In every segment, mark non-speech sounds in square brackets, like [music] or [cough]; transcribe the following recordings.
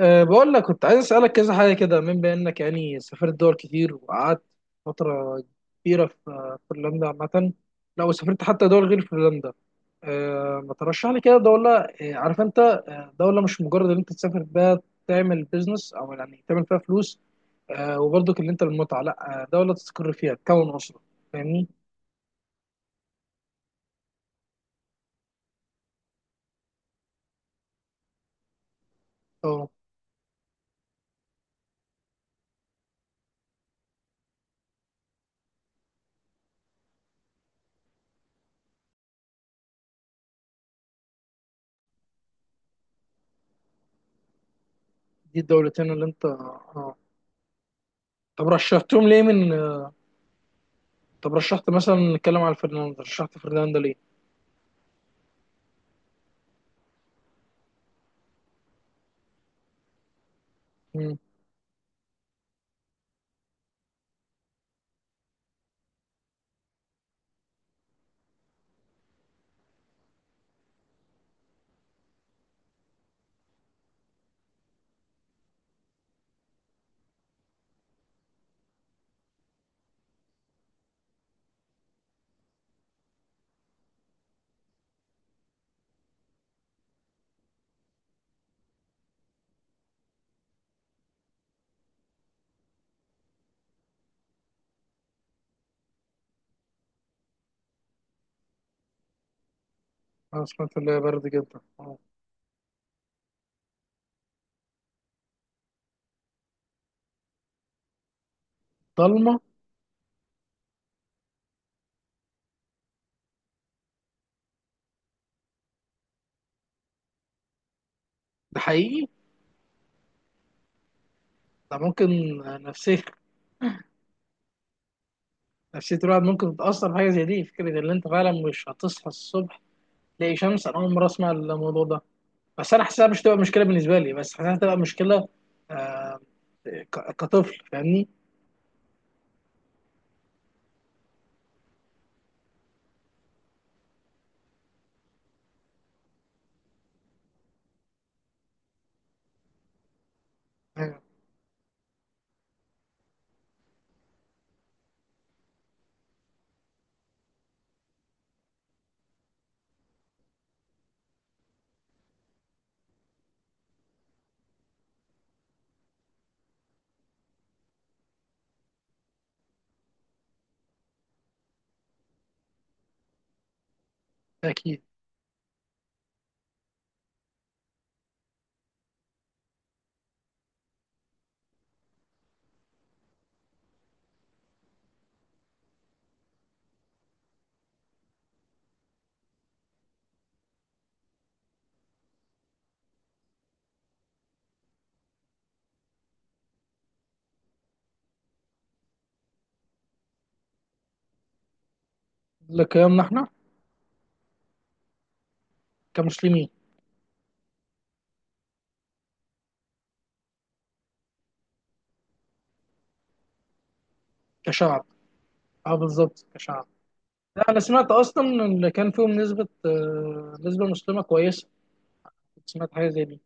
بقول لك كنت عايز أسألك كذا حاجة كده من بأنك يعني سافرت دول كتير وقعدت فترة كبيرة في فنلندا عامة. لو سافرت حتى دول غير فنلندا، ما ترشح لي كده دولة، أه عارف أنت، دولة مش مجرد إن أنت تسافر بها تعمل بيزنس أو يعني تعمل فيها فلوس، وبرضك اللي أنت المتعة لأ، دولة تستقر فيها تكون أسرة. فاهمني؟ أه. دي الدولتين اللي أنت طب رشحتهم ليه، من آه، طب رشحت مثلا، نتكلم على فنلندا، رشحت فنلندا ليه؟ انا سمعت اللي هي برد جدا. ضلمه. ده حقيقي. ده ممكن نفسيه. نفسيه الواحد ممكن تتاثر بحاجه زي دي. فكره ان انت فعلا مش هتصحى الصبح تلاقي شمس. انا اول مره اسمع الموضوع ده، بس انا حاسسها مش تبقى مشكله بالنسبه لي، بس حاسسها تبقى مشكله، آه، كطفل، فاهمني؟ آه. ده اكيد. لقيامنا احنا كمسلمين. كشعب. اه بالظبط، كشعب. لا انا سمعت اصلا ان اللي كان فيهم نسبه، نسبه مسلمه كويسه، كنت سمعت حاجه زي دي.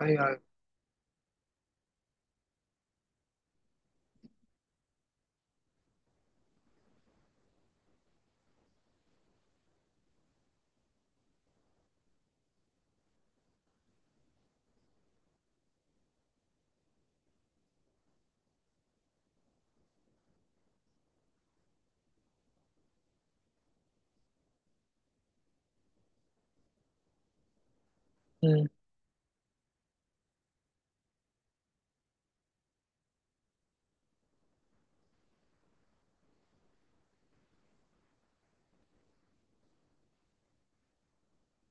ايوه ايوه. مم.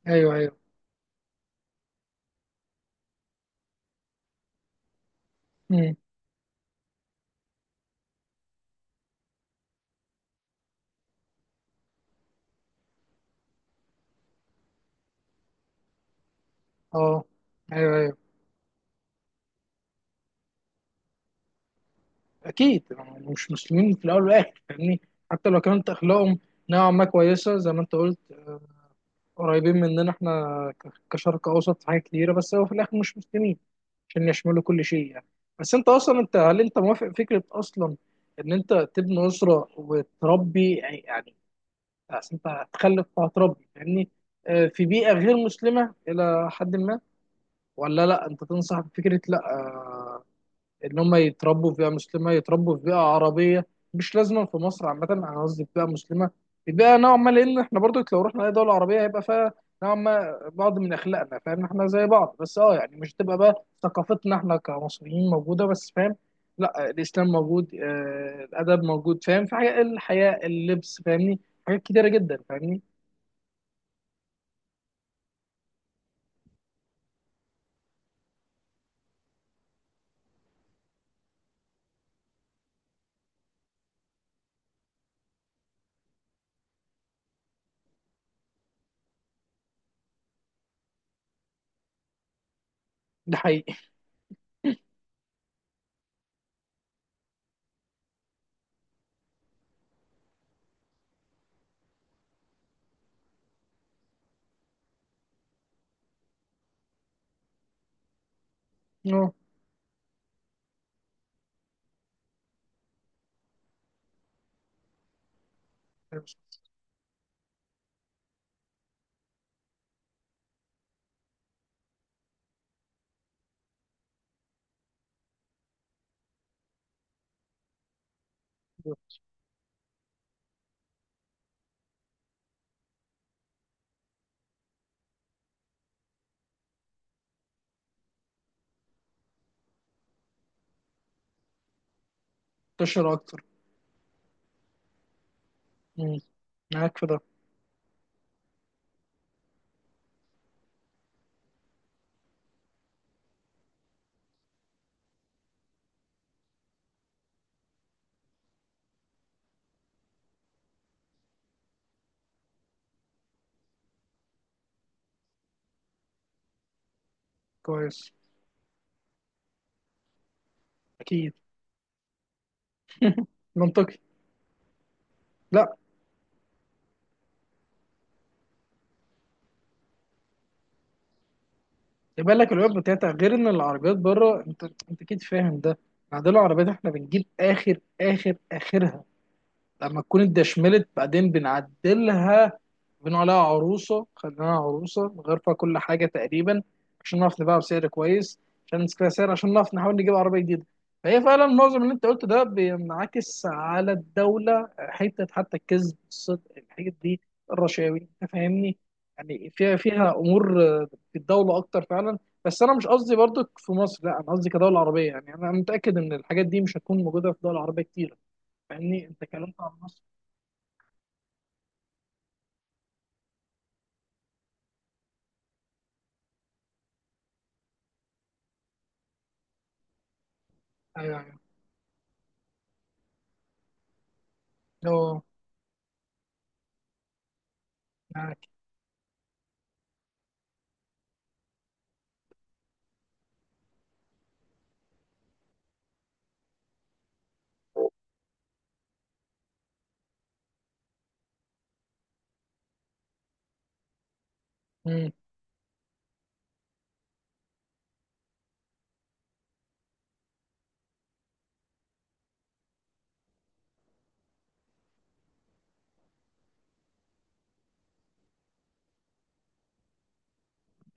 ايوه ايوه. مم. اه. ايوه ايوه. اكيد هم مش مسلمين في الاول والاخر، فاهمني؟ حتى لو كانت اخلاقهم نوعا ما كويسه، زي ما انت قلت، آه، قريبين مننا احنا، كشرق اوسط، في حاجات كتيره، بس هو في الاخر مش مسلمين عشان يشملوا كل شيء يعني. بس انت اصلا، انت هل انت موافق فكره اصلا ان انت تبني اسره وتربي، يعني يعني أصل انت هتخلف وهتربي، فاهمني؟ آه، في بيئه غير مسلمه الى حد ما؟ ولا لا، انت تنصح بفكره لا، آه، ان هم يتربوا في بيئه مسلمه، يتربوا في بيئه عربيه، مش لازما في مصر عامه، انا قصدي في بيئه مسلمه، في بيئه نوعا ما، لان احنا برضو لو رحنا اي دوله عربيه هيبقى فيها نوعا ما بعض من اخلاقنا. فاهم؟ احنا زي بعض، بس اه يعني مش تبقى بقى ثقافتنا احنا كمصريين موجوده بس. فاهم؟ لا، الاسلام موجود، آه، الادب موجود. فاهم؟ في حاجه الحياه، اللبس، فاهمني؟ حاجات كتيره جدا، فاهمني؟ ده حقيقي. [laughs] اه. منتشر اكتر. مم. معاك في ده. كويس. اكيد. منطقي. يبقى لك الويب بتاعتها، غير ان العربيات بره، انت انت اكيد فاهم ده. بعدين العربيات احنا بنجيب اخر اخرها لما تكون اتدشملت، بعدين بنعدلها، بنقول عليها عروسه، خليناها عروسه، نغير فيها كل حاجه تقريبا عشان نعرف نبيعها بسعر كويس، عشان نسكرها سعر، عشان نعرف نحاول نجيب عربيه جديده. فهي فعلا معظم اللي انت قلته ده بينعكس على الدوله، حتى الكذب، الصدق، الحاجات دي، الرشاوي، انت فاهمني؟ يعني فيها امور في الدوله اكتر فعلا. بس انا مش قصدي برضك في مصر، لا انا قصدي كدوله عربيه، يعني انا متاكد ان الحاجات دي مش هتكون موجوده في دول عربيه كتير، فاهمني؟ انت اتكلمت عن مصر. ايوه ايوه. أه، معاك. امم.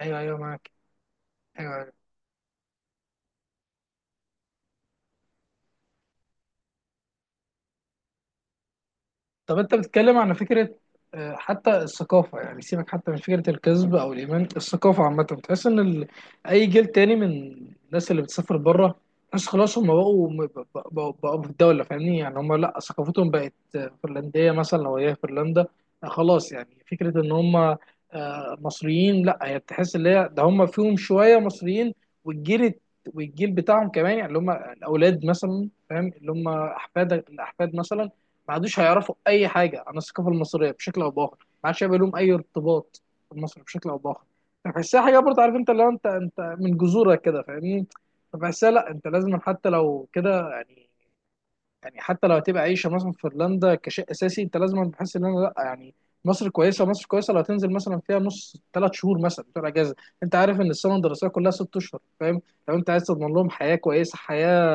ايوه ايوه، معاك. ايوه أيوة. طب انت بتتكلم عن فكره، آه، حتى الثقافه، يعني سيبك حتى من فكره الكذب او الايمان، الثقافه عامه بتحس ان ال... اي جيل تاني من الناس اللي بتسافر بره، ناس خلاص هم بقوا بقوا في الدوله، فاهمني؟ يعني هم لا ثقافتهم بقت، آه، فنلنديه مثلا لو هي فنلندا، آه، خلاص، يعني فكره ان هم، آه، مصريين لا، هي بتحس ان هي ده هم فيهم شويه مصريين. والجيل والجيل بتاعهم كمان، يعني اللي هم الاولاد مثلا، فاهم؟ اللي هم احفادك، الاحفاد مثلا، ما عادوش هيعرفوا اي حاجه عن الثقافه المصريه بشكل او باخر، ما عادش هيبقى لهم اي ارتباط بمصر بشكل او باخر. فبحسها حاجه برضه، عارف انت؟ اللي هو انت، انت من جذورك كده، فاهمني؟ فبحسها لا، انت لازم حتى لو كده، يعني حتى لو هتبقى عايشه مثلا في فنلندا كشيء اساسي، انت لازم بحس ان انا لا، يعني مصر كويسه، مصر كويسه، لو هتنزل مثلا فيها نص 3 شهور مثلا بتوع اجازه. انت عارف ان السنه الدراسيه كلها 6 اشهر، فاهم؟ لو انت عايز تضمن لهم حياه كويسه، حياه،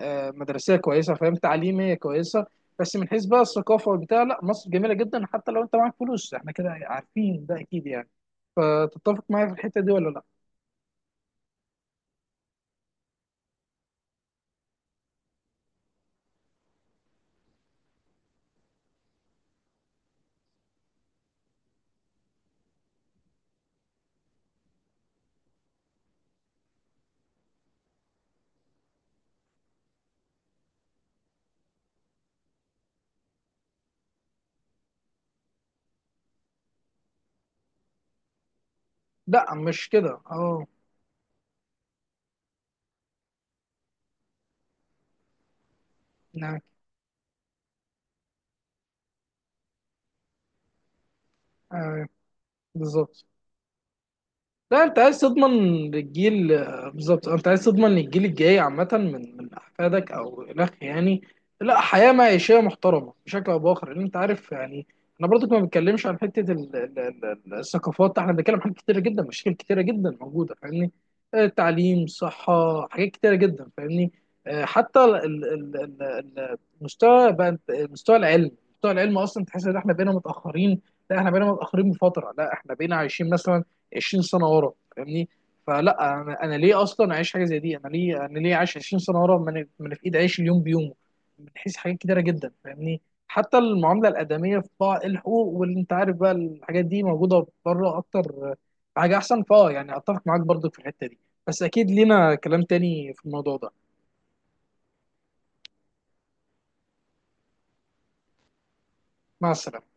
آه، مدرسيه كويسه، فاهم؟ تعليميه كويسه. بس من حيث بقى الثقافه والبتاع لا، مصر جميله جدا حتى لو انت معاك فلوس، احنا كده عارفين ده اكيد يعني. فتتفق معايا في الحته دي ولا لا؟ لا مش كده، اه. نعم. آه، بالظبط. لا انت عايز تضمن للجيل، بالظبط، انت عايز تضمن للجيل الجاي عامة من من احفادك او الاخ يعني، لا حياة معيشية محترمة بشكل او باخر، لان انت عارف يعني. انا برضك ما بتكلمش عن حتة الثقافات. احنا بنتكلم عن حاجات كتيرة جدا، مشاكل كتيرة جدا موجودة، فاهمني؟ آه، تعليم، صحة، حاجات كتيرة جدا، فاهمني؟ آه، حتى المستوى بقى، مستوى العلم، مستوى العلم اصلا تحس ان احنا بقينا متأخرين. لا احنا بقينا متأخرين بفترة، لا احنا بقينا عايشين مثلا 20 سنه ورا، فاهمني؟ فلا انا ليه اصلا اعيش حاجه زي دي، انا ليه عايش 20 سنه ورا، ما انا، ما أنا في ايدي اعيش اليوم بيومه، من حيث حاجات كتيره جدا، فاهمني؟ حتى المعامله الادميه في بعض الحقوق، واللي انت عارف بقى الحاجات دي موجوده بره اكتر، حاجه احسن. فاه يعني اتفق معاك برضك في الحته دي، بس اكيد لينا كلام تاني في الموضوع ده. مع السلامه.